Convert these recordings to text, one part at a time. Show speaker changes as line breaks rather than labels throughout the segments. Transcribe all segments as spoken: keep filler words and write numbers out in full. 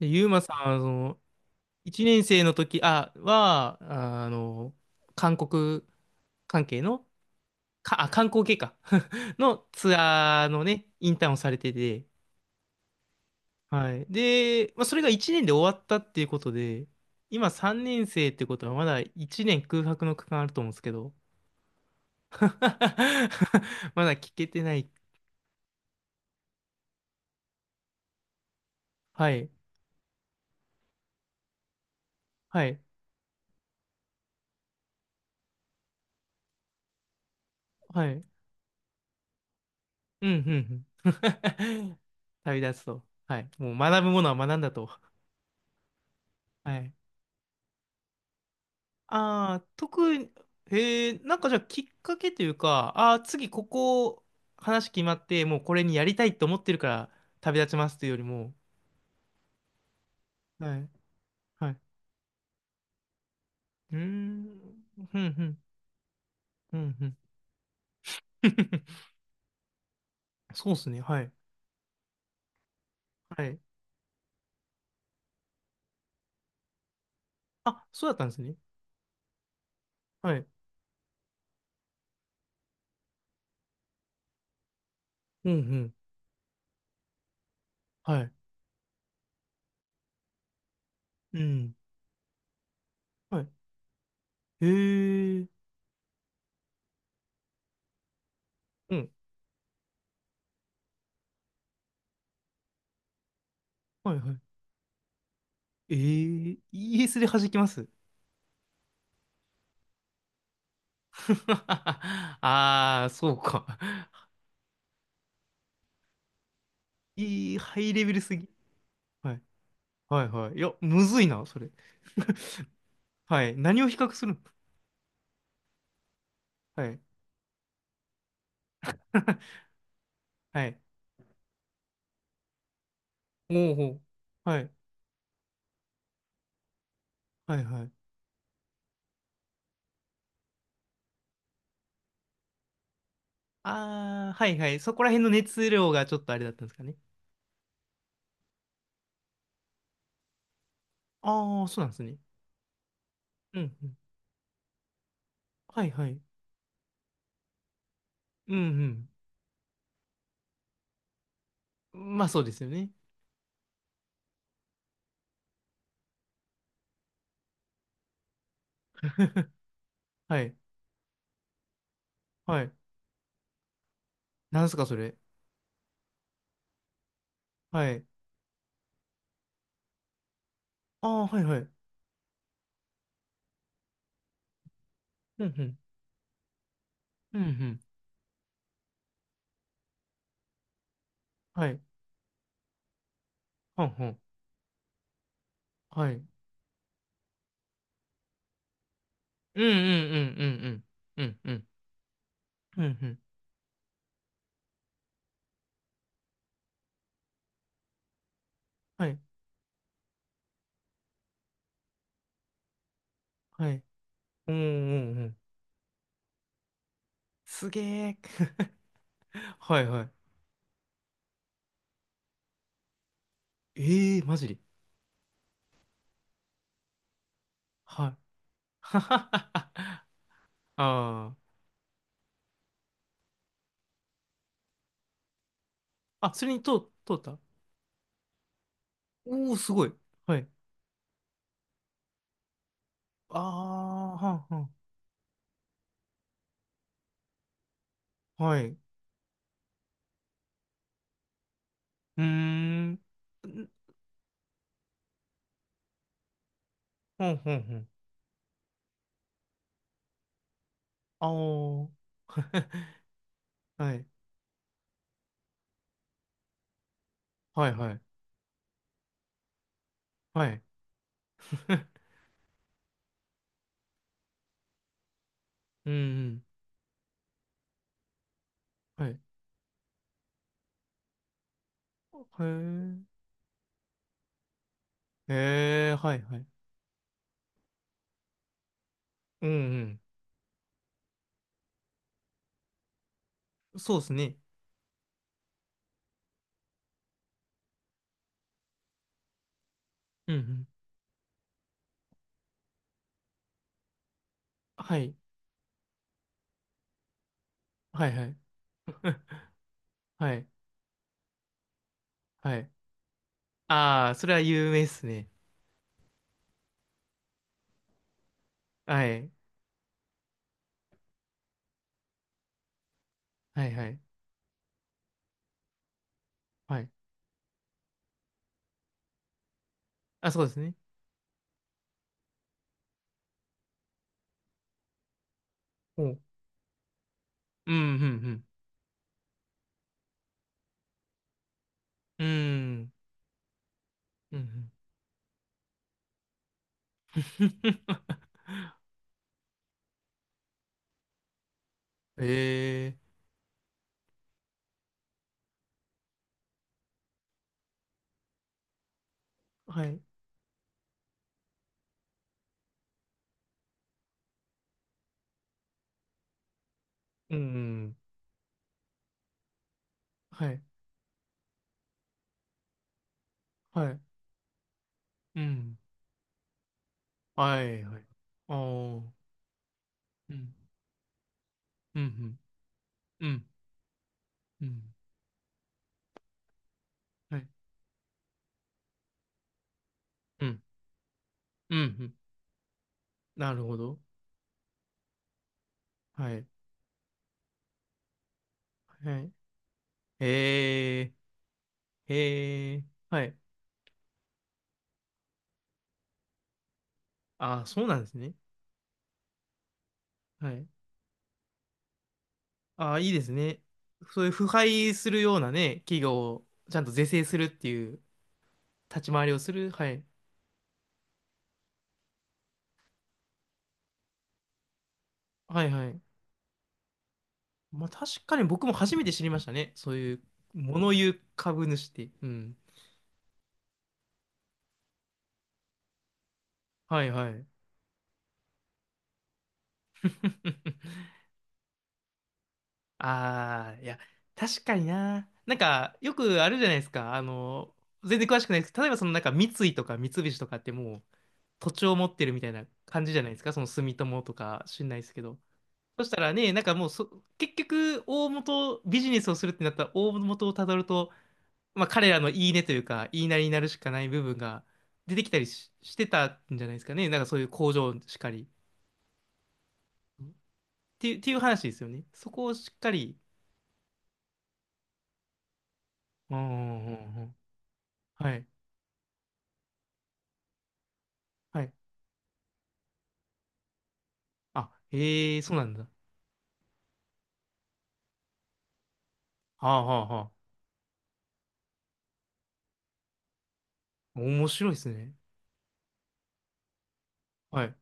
で、ユーマさんは、その、いちねん生の時、あ、は、ああの、韓国関係の、か、あ、観光系か のツアーのね、インターンをされてて、はい。で、まあ、それがいちねんで終わったっていうことで、今さんねん生ってことはまだいちねん空白の区間あると思うんですけど、まだ聞けてない。はい。はい。はい。うん、うん、うん。旅立つと。はい。もう学ぶものは学んだと。はい。ああ、特に、へえ、なんかじゃあきっかけというか、ああ、次ここ話決まって、もうこれにやりたいと思ってるから旅立ちますというよりも、はい、はい。うーん、ふんふん、ふんふん。そうっすね、はい、はい。あ、そうだったんですね。はい。うんうん、はい。うん、はい。へえー、うん、はいはい。ええ、イーエスで弾きます ああー、そうか。いい、ハイレベルすぎ。はいはいはい。いや、むずいな、それ。はい。何を比較するのはい。はい。おうほう。はい。はいはい。ああ、はいはい。そこら辺の熱量がちょっとあれだったんですかね。ああ、そうなんですね。うんうん。はいはい。うんうん。まあそうですよね。はい。はい。なんすか、それ。はい。ああ、はいはい。うんうん。うんうん。はい。はんはん。はい。うんうんうんうんうん。うんうん。うんうん。はい。はい。うんうんうん。すげえ。はいはい。ええー、マジで。はい。ああ。あ、それに通、通ったおおー、すごい。はい。ああ、はんはん。はい。うーん。んほんほんほん。あお。はい。はいはい。はい。うんうん。はい。へえ。へえ、はいはい。うんうん。そうですね。うんうん。はい。はいはい。はい。はい。ああ、それは有名っすね。はい。はいはい。はい。あ、そうですね。うん。うん、うん、うん。うん、うん。ええはい。うん。はい。はい。うん。はい、はい。ああ。うん。うん、うん。うん。はい。うん。うん。うんなるほど。はい。はい。ええええはい。ああ、そうなんですね。はい。ああ、いいですね。そういう腐敗するようなね、企業をちゃんと是正するっていう立ち回りをする。はい。はい、はい。まあ確かに僕も初めて知りましたね。そういう、物言う株主って。うん。はいはい。ああ、いや、確かにな。なんか、よくあるじゃないですか。あの、全然詳しくないですけど、例えばそのなんか三井とか三菱とかってもう土地を持ってるみたいな感じじゃないですか。その住友とか知んないですけど。そしたらね、なんかもうそ、結局、大元、ビジネスをするってなったら大元をたどると、まあ、彼らの言い値というか、言いなりになるしかない部分が出てきたりし、してたんじゃないですかね。なんかそういう工場しかり。っていう、っていう話ですよね。そこをしっかり。うんうんうんうん。はい。はい。あ、ええそうなんだ。はあはあはあ。面白いですね。はい。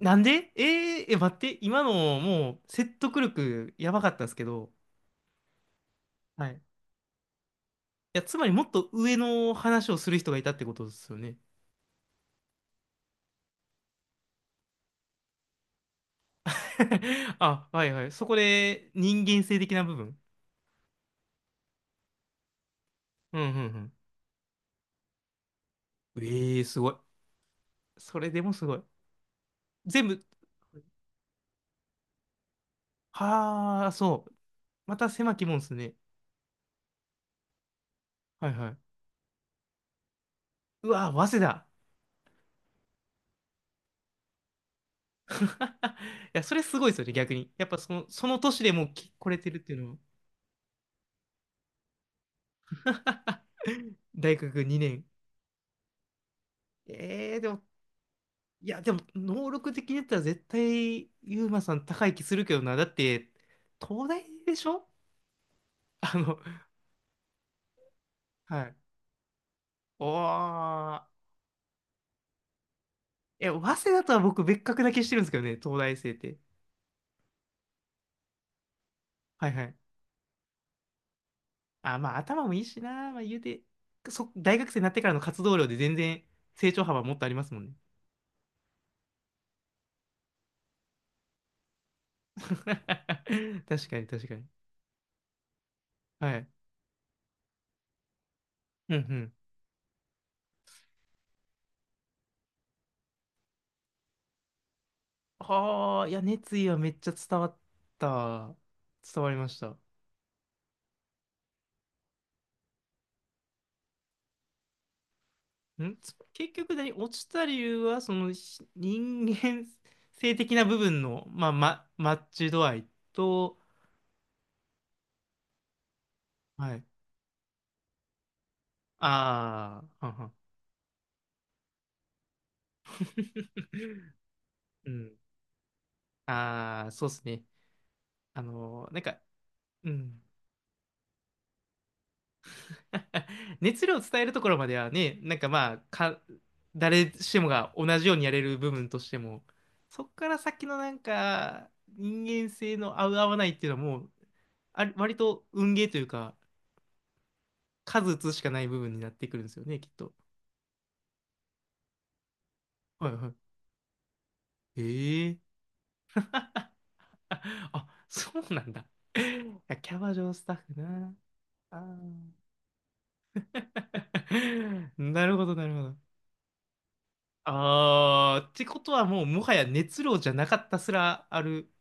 なんでえー、え、待って。今のもう説得力やばかったですけど。はい。いや、つまりもっと上の話をする人がいたってことですよね。あ、はいはい。そこで人間性的な部分。うんうんうん。ええー、すごい。それでもすごい。全部、はあ、そう。また狭きもんですね。はいはい。うわー、早稲田。いや、それすごいですよね、逆に。やっぱその、その年でもうき来れてるっていうのは。大学にねん。ええー、でも、いや、でも、能力的に言ったら絶対、ユうマさん高い気するけどな。だって、東大でしょ あの、はい。おー。え、早稲田とは僕別格な気してるんですけどね、東大生って。はいはい。あ、まあ頭もいいしな、まあ言うて、そ、大学生になってからの活動量で全然成長幅もっとありますもんね。確かに確かに。はい。うんうん。はあ、いや、熱意はめっちゃ伝わった。伝わりました。んつ結局何、落ちた理由は、そのし人間性的な部分の、まあ、ま、マッチ度合いと、はい。ああ、はんはん うん。ああ、そうですね。あのーなんか、うん。熱量を伝えるところまではね、なんかまあ、か、誰しもが同じようにやれる部分としても、そっから先のなんか、人間性の合う合わないっていうのはもう、あ割と運ゲーというか、数打つしかない部分になってくるんですよね、きっと。はいはい。ええあ、あ、そうなんだ。いやキャバ嬢スタッフな。あー なるほど、なるほど。ああ、ってことはもう、もはや熱量じゃなかったすらある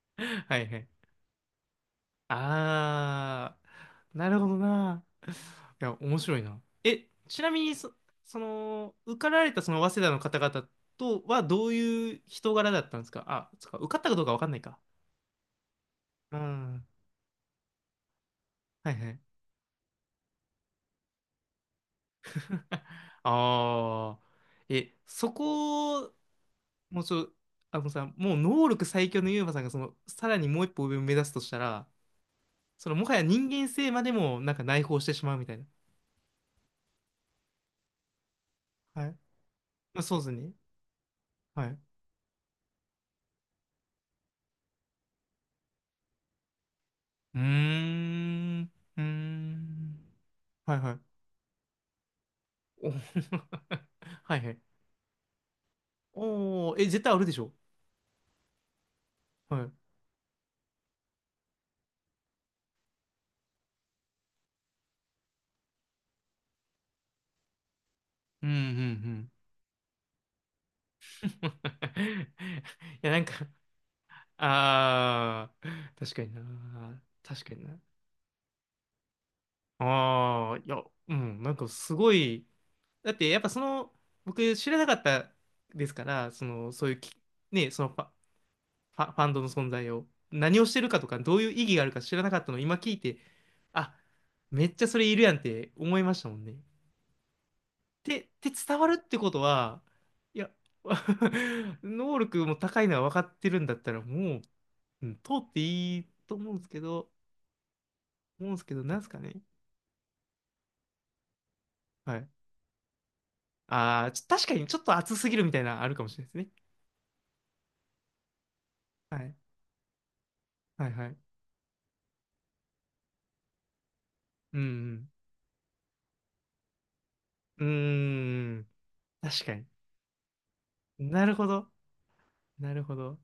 はいはい。あー、なるほどな。いや、面白いな。え、ちなみにそ、その、受かられたその早稲田の方々とはどういう人柄だったんですかあ、そっか、受かったかどうかわかんないか。うん。はいはい。ああ、え、そこ、もうちょ、あのさ、もう能力最強のユーマさんが、その、さらにもう一歩上を目指すとしたら、その、もはや人間性までも、なんか内包してしまうみたいな。はい。まあ、そうですね。はいうーん。うーん。はいはい。お はいはい。おお、え、絶対あるでしょ。はい。うんうんうん。いや、なんか、ああ、確かにな。確かにな。ああ、いや、うん、なんかすごい、だってやっぱその、僕知らなかったですから、その、そういうき、ね、そのパ、ファ、ファンドの存在を。何をしてるかとか、どういう意義があるか知らなかったのを今聞いて、あ、めっちゃそれいるやんって思いましたもんね。で、で伝わるってことは、いや、能力も高いのは分かってるんだったら、もう、うん通っていいと思うんですけど、思うんですけど、なんすかね。はい。ああ、ちょ確かにちょっと熱すぎるみたいなのあるかもしれないですね。はい。はいはい。うんうん。うーん。確かに。なるほど。なるほど。